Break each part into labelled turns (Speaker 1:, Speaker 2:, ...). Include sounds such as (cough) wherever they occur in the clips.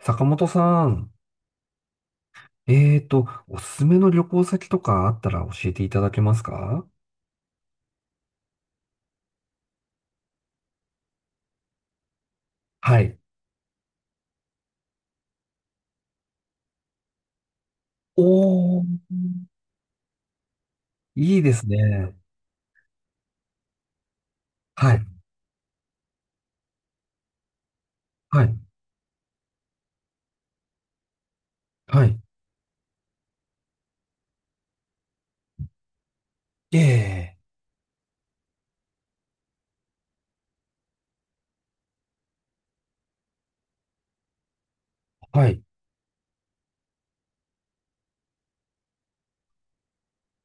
Speaker 1: 坂本さん、おすすめの旅行先とかあったら教えていただけますか？はい。いいですね。はい。はい。はい。ええ。はい。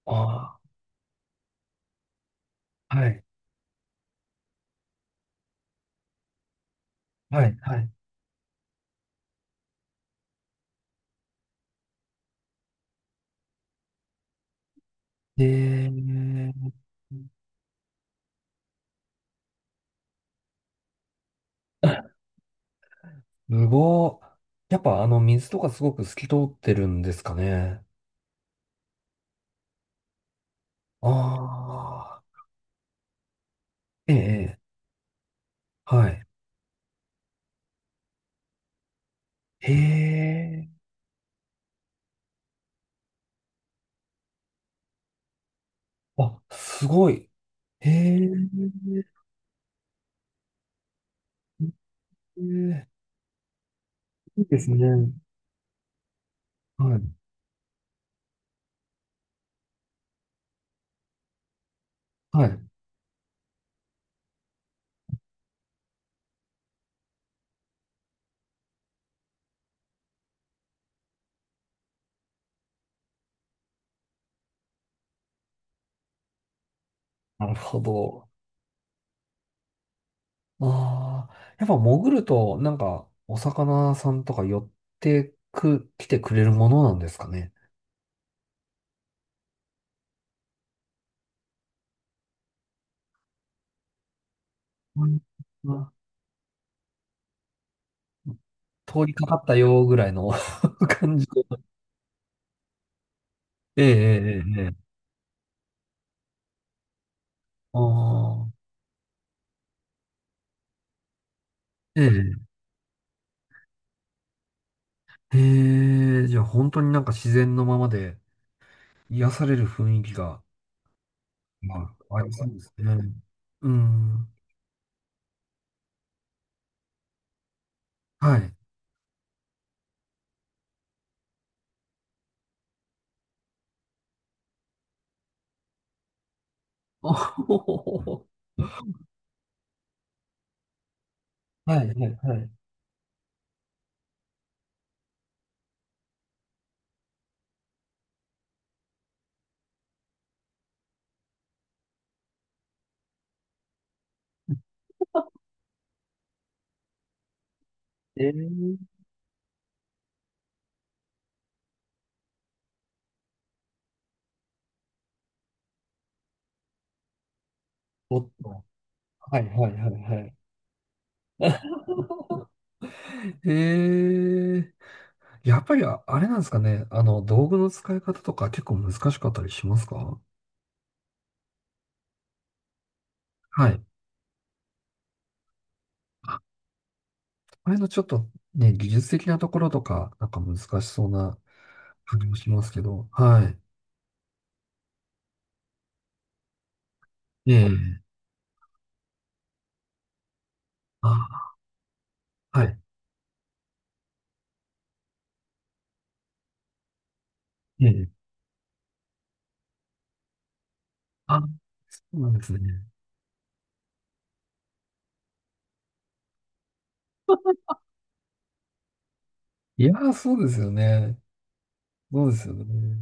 Speaker 1: ああ。はい。はい。はい。ええ。すごー。やっぱあの水とかすごく透き通ってるんですかね。ああ。ええ。ええ。はい。へえ。あ、すごい。へえ。へえ。いいですね。はい。はい。なるほど。ああ、やっぱ潜ると、なんか、お魚さんとか寄ってく、来てくれるものなんですかね。(laughs) うん。あ、通りかかったよぐらいの (laughs) 感じで。ええ、ええ、ええ。ああ、ええ。ええ、じゃあ本当になんか自然のままで癒される雰囲気が、まあ、ありそうですね。うん。はい。(laughs) おほほほほ。はい、はい、はい。ええ。おっと。はい、はい、はい、はい。(laughs) へえ。やっぱりれなんですかね。あの、道具の使い方とか結構難しかったりしますか？はい。あ、あれのちょっとね、技術的なところとか、なんか難しそうな感じもしますけど。はい。ええ。あ、はい。ええ。あ、そうなんですね。いやー、そうですよね。そうですよね。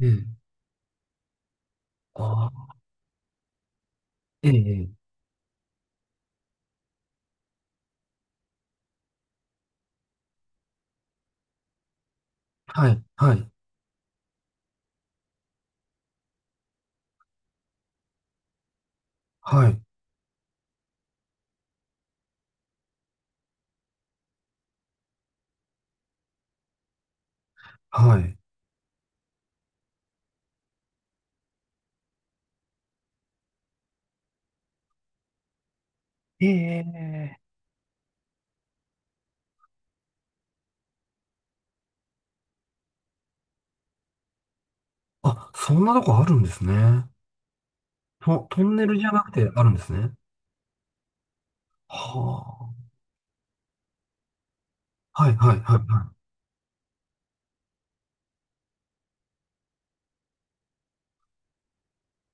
Speaker 1: ええ。あ、ええ。ええ。はい。はい。はい。はい。ええ。あ、そんなとこあるんですね。トンネルじゃなくてあるんですね。はあ。はい、はい、はい、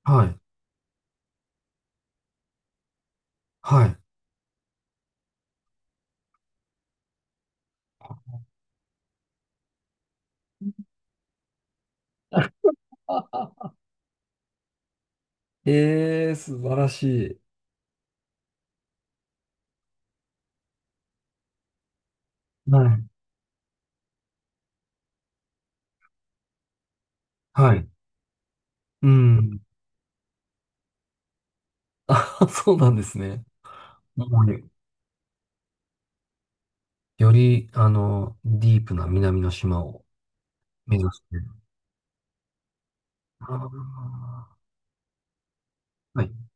Speaker 1: はい。はい、はい。(laughs) ええー、素晴らしい。はい、はい。うん。(laughs) あ、そうなんですね。もうね、より、あの、ディープな南の島を目指して。ああ、はい。い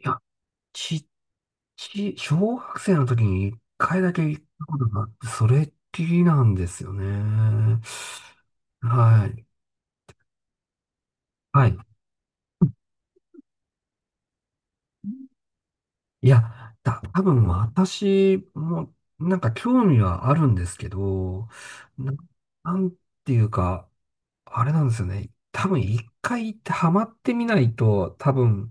Speaker 1: や、ち、小学生の時に一回だけ行ったことがあって、それっきりなんですよね。はい。はい。いや、多分私もなんか興味はあるんですけど、な、なんていうか、あれなんですよね。多分一回行ってハマってみないと、多分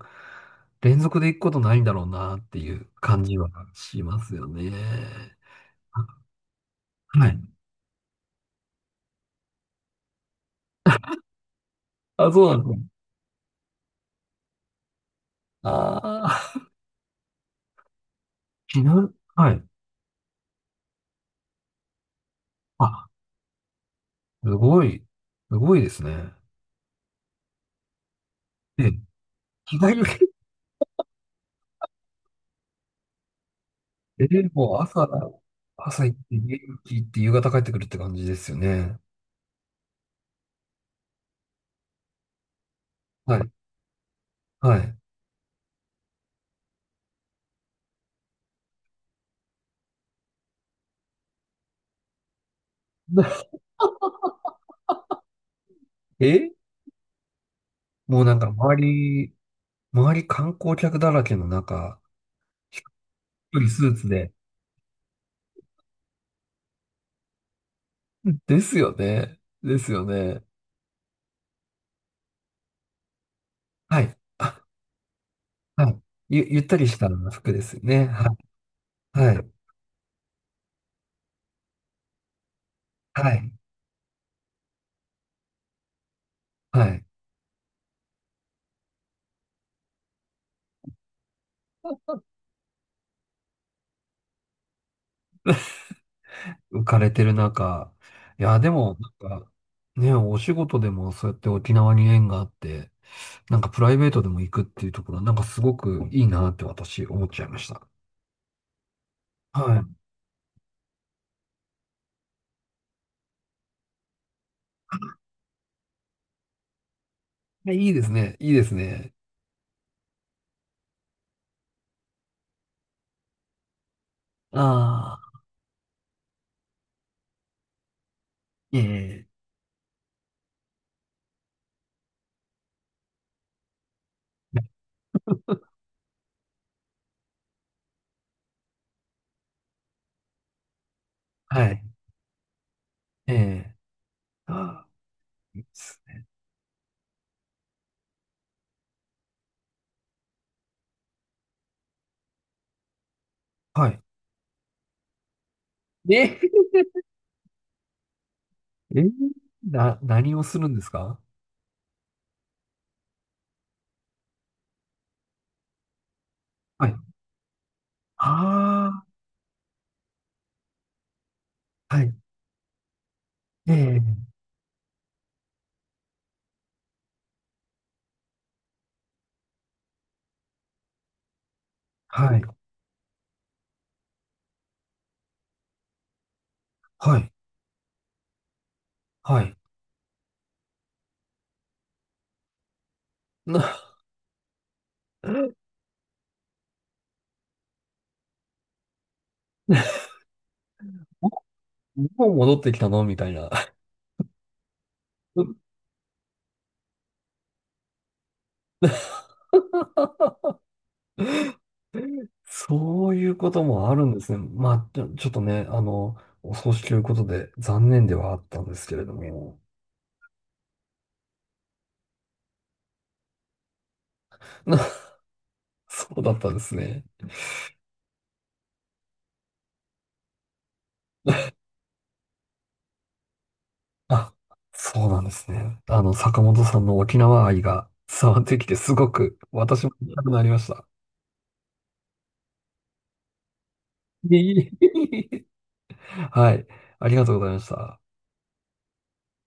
Speaker 1: 連続で行くことないんだろうなっていう感じはしますよね。あ、はい。あ、そうなんですね。ああ、ちな、はい。あ、すごい、すごいですね。で、日帰り。えー、もう朝、朝行って家に行って夕方帰ってくるって感じですよね。はい。はい。(laughs) え、もうなんか周り観光客だらけの中、ひっくりスーツで。ですよね。ですよね。はい。あ、はい。ゆったりした服ですよね。はい。はい。はい。はい。(laughs) 浮かれてる中。いや、でも、なんか、ね、お仕事でもそうやって沖縄に縁があって、なんかプライベートでも行くっていうところは、なんかすごくいいなって私思っちゃいました。はい。いや、いいですね。いいですね。ああ、ええ。はい。ええ。ああ、いいですね。はい。え、えー、何をするんですか？はい。ああ、はい。ええ。はい。はい。はい。な、(laughs) もう戻ってきたのみたいな。(laughs) そういうこともあるんですね。まあ、ちょっとね、あの、お葬式ということで残念ではあったんですけれども。(laughs) な、そうだったんですね。あ、そうなんですね。あの、坂本さんの沖縄愛が伝わってきて、すごく私も行きたくなりました。いえいえ。 (laughs) はい。ありがとうございました。